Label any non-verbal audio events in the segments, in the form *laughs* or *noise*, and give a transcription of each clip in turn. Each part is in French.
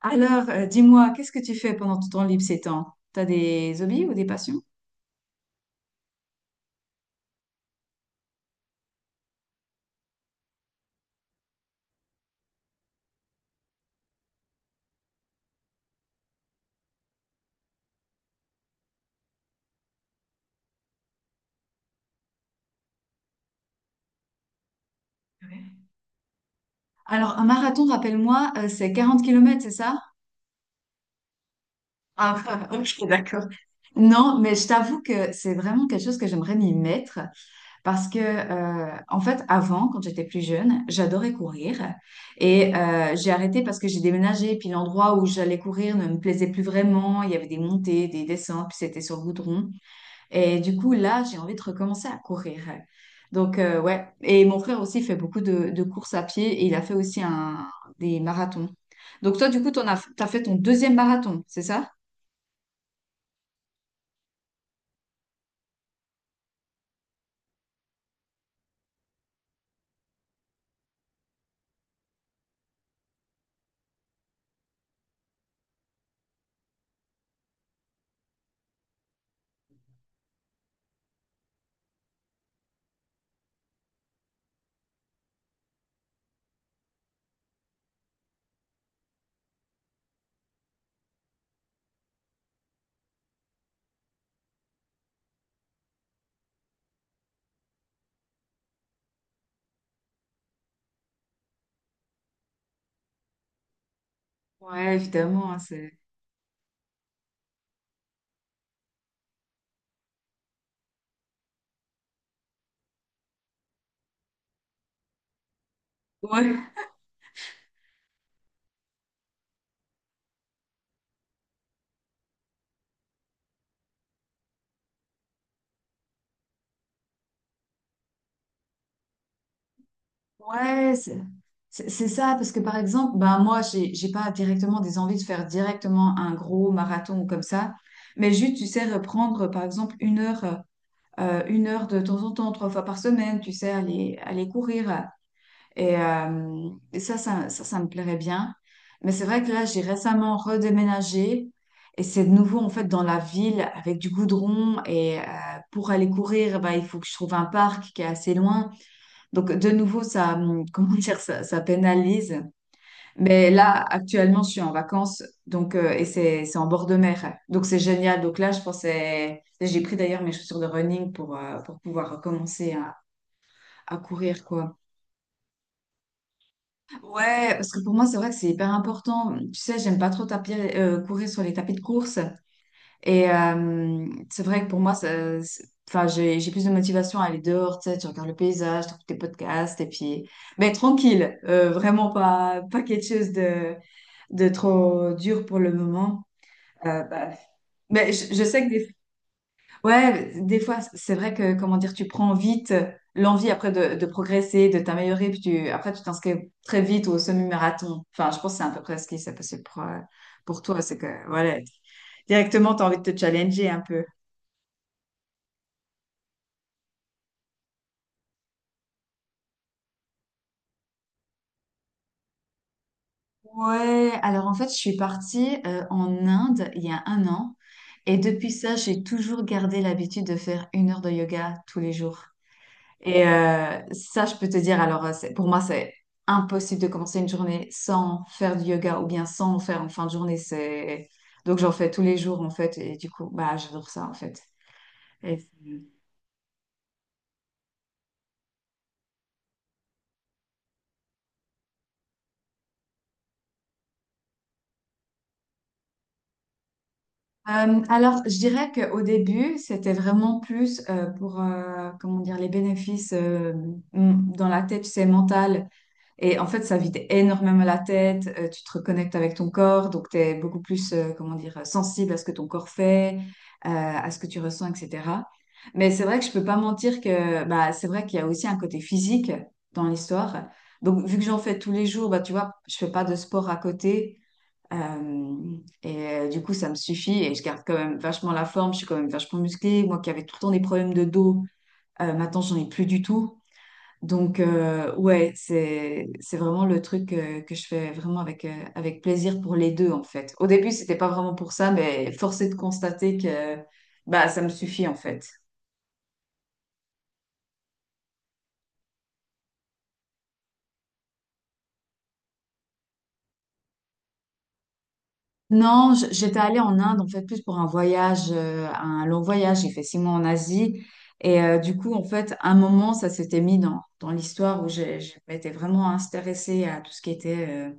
Alors, dis-moi, qu'est-ce que tu fais pendant ton temps libre ces temps? T'as des hobbies ou des passions? Ouais. Alors, un marathon, rappelle-moi, c'est 40 km kilomètres, c'est ça? Ah, *laughs* ok, d'accord. Non, mais je t'avoue que c'est vraiment quelque chose que j'aimerais m'y mettre parce que, en fait, avant, quand j'étais plus jeune, j'adorais courir et j'ai arrêté parce que j'ai déménagé, puis l'endroit où j'allais courir ne me plaisait plus vraiment, il y avait des montées, des descentes, puis c'était sur le goudron. Et du coup, là, j'ai envie de recommencer à courir. Donc, ouais. Et mon frère aussi fait beaucoup de courses à pied et il a fait aussi des marathons. Donc, toi, du coup, t'as fait ton deuxième marathon, c'est ça? Ouais, évidemment, hein, c'est... Ouais. Ouais, c'est ça, parce que par exemple, ben moi, j'ai pas directement des envies de faire directement un gros marathon ou comme ça, mais juste, tu sais, reprendre par exemple une heure de temps en temps, trois fois par semaine, tu sais, aller courir. Et ça me plairait bien. Mais c'est vrai que là, j'ai récemment redéménagé et c'est de nouveau en fait dans la ville avec du goudron. Et pour aller courir, ben, il faut que je trouve un parc qui est assez loin. Donc, de nouveau, ça, *laughs* comment dire, ça pénalise. Mais là, actuellement, je suis en vacances, donc, et c'est en bord de mer. Donc, c'est génial. Donc là, je pensais, j'ai pris d'ailleurs mes chaussures de running pour pouvoir commencer à courir, quoi. Ouais, parce que pour moi, c'est vrai que c'est hyper important. Tu sais, j'aime pas trop courir sur les tapis de course. Et c'est vrai que pour moi, enfin, j'ai plus de motivation à aller dehors, tu sais, tu regardes le paysage, tu écoutes tes podcasts, et puis... Mais tranquille, vraiment pas quelque chose de trop dur pour le moment. Bah, mais je sais que ouais, des fois, c'est vrai que, comment dire, tu prends vite l'envie après de progresser, de t'améliorer, puis tu, après, tu t'inscris très vite au semi-marathon. Enfin, je pense que c'est à peu près ce qui s'est passé pour toi, c'est que, voilà, directement, tu as envie de te challenger un peu. Ouais, alors en fait, je suis partie en Inde il y a un an. Et depuis ça, j'ai toujours gardé l'habitude de faire 1 heure de yoga tous les jours. Et ça, je peux te dire, alors pour moi, c'est impossible de commencer une journée sans faire du yoga ou bien sans en faire en fin de journée. C'est... Donc j'en fais tous les jours en fait. Et du coup, bah, j'adore ça en fait. Et alors, je dirais qu'au début, c'était vraiment plus pour, comment dire, les bénéfices dans la tête, c'est mental. Et en fait, ça vide énormément la tête, tu te reconnectes avec ton corps, donc tu es beaucoup plus, comment dire, sensible à ce que ton corps fait, à ce que tu ressens, etc. Mais c'est vrai que je peux pas mentir que bah, c'est vrai qu'il y a aussi un côté physique dans l'histoire. Donc, vu que j'en fais tous les jours, bah, tu vois, je fais pas de sport à côté. euh, et du coup, ça me suffit et je garde quand même vachement la forme, je suis quand même vachement musclée. Moi qui avais tout le temps des problèmes de dos, maintenant, j'en ai plus du tout. Donc, ouais, c'est vraiment le truc que je fais vraiment avec plaisir pour les deux, en fait. Au début, c'était pas vraiment pour ça, mais force est de constater que bah, ça me suffit, en fait. Non, j'étais allée en Inde, en fait, plus pour un voyage, un long voyage. J'ai fait 6 mois en Asie. Et du coup, en fait, à un moment, ça s'était mis dans l'histoire où je m'étais vraiment intéressée à tout ce qui était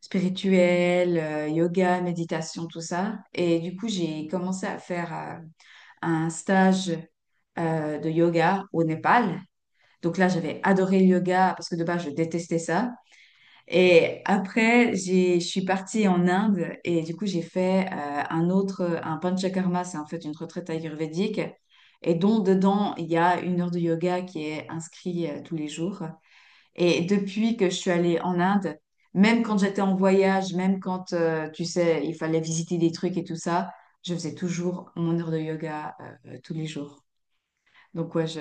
spirituel, yoga, méditation, tout ça. Et du coup, j'ai commencé à faire... euh, un stage de yoga au Népal. Donc là, j'avais adoré le yoga parce que de base, je détestais ça. Et après, je suis partie en Inde et du coup, j'ai fait un Panchakarma, c'est en fait une retraite ayurvédique. Et dont dedans, il y a 1 heure de yoga qui est inscrite tous les jours. Et depuis que je suis allée en Inde, même quand j'étais en voyage, même quand, tu sais, il fallait visiter des trucs et tout ça, je faisais toujours mon 1 heure de yoga tous les jours. Donc ouais, je...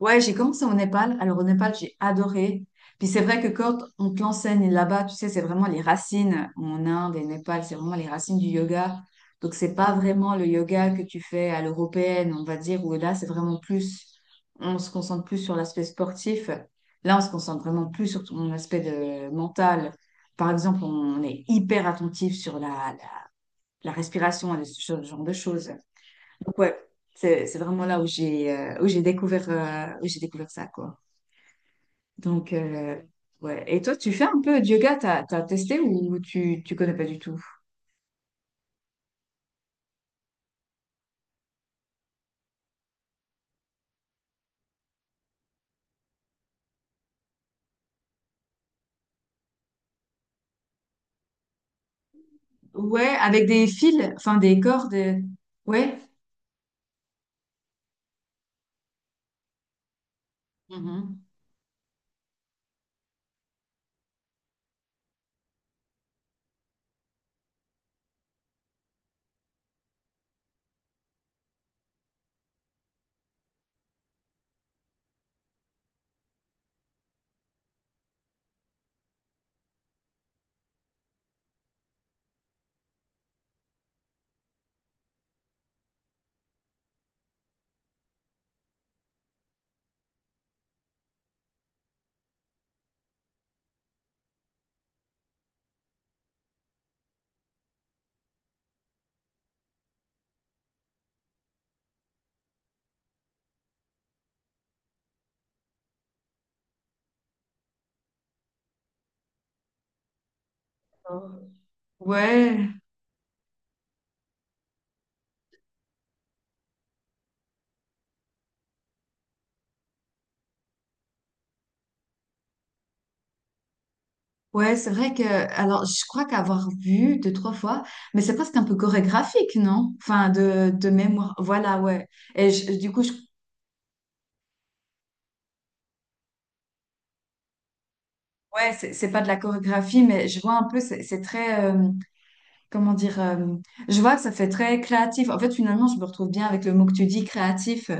ouais, j'ai commencé au Népal. Alors au Népal, j'ai adoré. Puis c'est vrai que quand on te l'enseigne là-bas, tu sais, c'est vraiment les racines en Inde et Népal, c'est vraiment les racines du yoga. Donc c'est pas vraiment le yoga que tu fais à l'européenne, on va dire, où là c'est vraiment plus, on se concentre plus sur l'aspect sportif. Là, on se concentre vraiment plus sur ton aspect de mental. Par exemple, on est hyper attentif sur la respiration et ce genre de choses. Donc, ouais, c'est vraiment là où j'ai découvert ça quoi. Donc ouais. Et toi, tu fais un peu de yoga, t'as testé ou tu connais pas du tout? Ouais, avec des fils, enfin des cordes. Ouais. Mhm. Ouais, ouais, c'est vrai que alors je crois qu'avoir vu deux trois fois, mais c'est presque un peu chorégraphique, non? Enfin de mémoire, voilà, ouais. Et ouais, c'est pas de la chorégraphie, mais je vois un peu, c'est très, comment dire, je vois que ça fait très créatif. En fait, finalement, je me retrouve bien avec le mot que tu dis, créatif.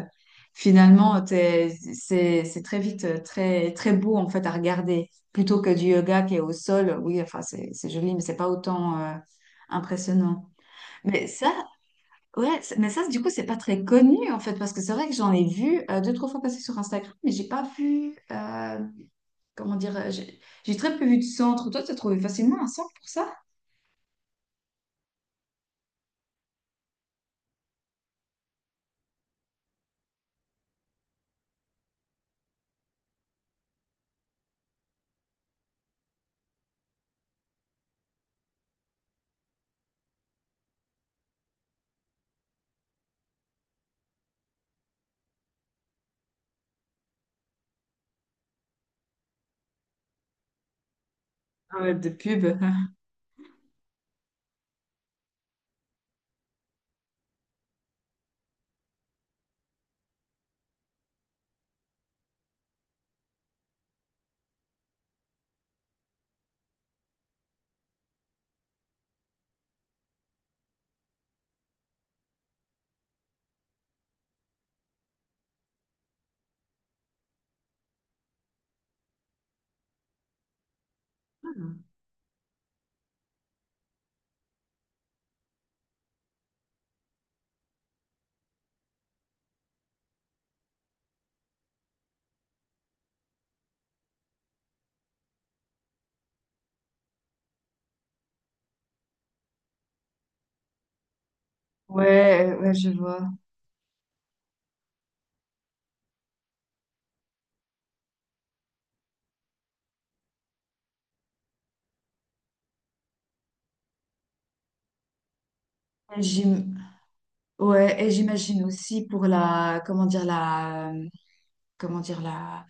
Finalement, c'est très vite, très très beau en fait à regarder, plutôt que du yoga qui est au sol. Oui, enfin, c'est joli, mais c'est pas autant impressionnant. Mais ça, ouais, mais ça, du coup, c'est pas très connu en fait, parce que c'est vrai que j'en ai vu deux, trois fois passer sur Instagram, mais j'ai pas vu, comment dire, j'ai très peu vu de centre. Toi, tu as trouvé facilement un centre pour ça? De pub. Ouais, ouais, je vois. Et j'im- ouais, et j'imagine aussi pour la, comment dire, la, comment dire, la,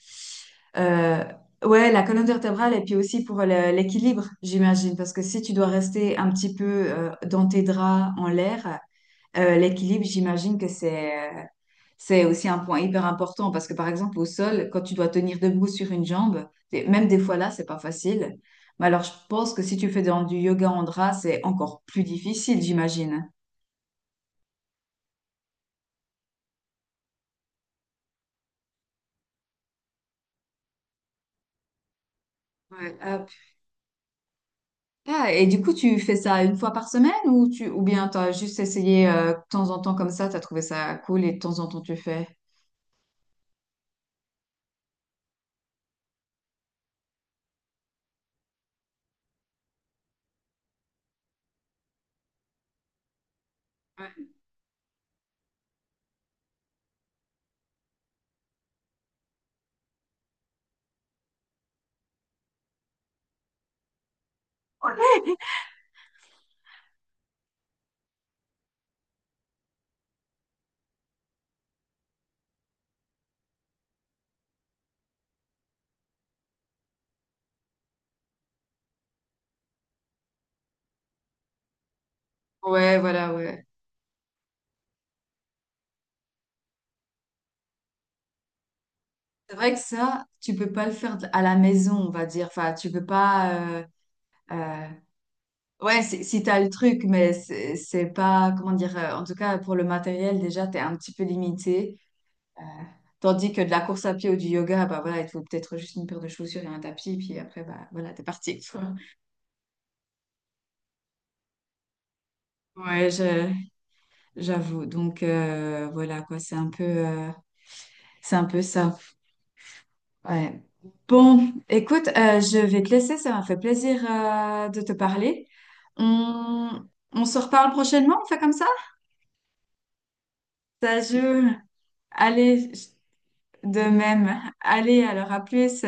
euh, ouais, la colonne vertébrale et puis aussi pour l'équilibre, j'imagine, parce que si tu dois rester un petit peu dans tes draps en l'air, l'équilibre, j'imagine que euh, c'est aussi un point hyper important, parce que par exemple au sol, quand tu dois tenir debout sur une jambe, et même des fois là, c'est pas facile. Mais alors je pense que si tu fais dans du yoga en drap, c'est encore plus difficile, j'imagine. Ouais, hop. Ah, et du coup, tu fais ça une fois par semaine ou tu ou bien t'as juste essayé de temps en temps comme ça, t'as trouvé ça cool et de temps en temps tu fais. Ouais. Ouais, voilà, ouais. C'est vrai que ça, tu peux pas le faire à la maison, on va dire. Enfin, tu peux pas. Euh, Ouais, si t'as le truc, mais c'est pas comment dire. En tout cas, pour le matériel, déjà, t'es un petit peu limité. Euh, Tandis que de la course à pied ou du yoga, bah voilà, il te faut peut-être juste une paire de chaussures et un tapis, puis après, bah voilà, t'es parti. Quoi. Ouais, je j'avoue. Donc voilà quoi, c'est un peu ça. Ouais. Bon, écoute, je vais te laisser, ça m'a fait plaisir de te parler. On, on se reparle prochainement, on fait comme ça? Ça joue. Allez, de même. Allez, alors à plus.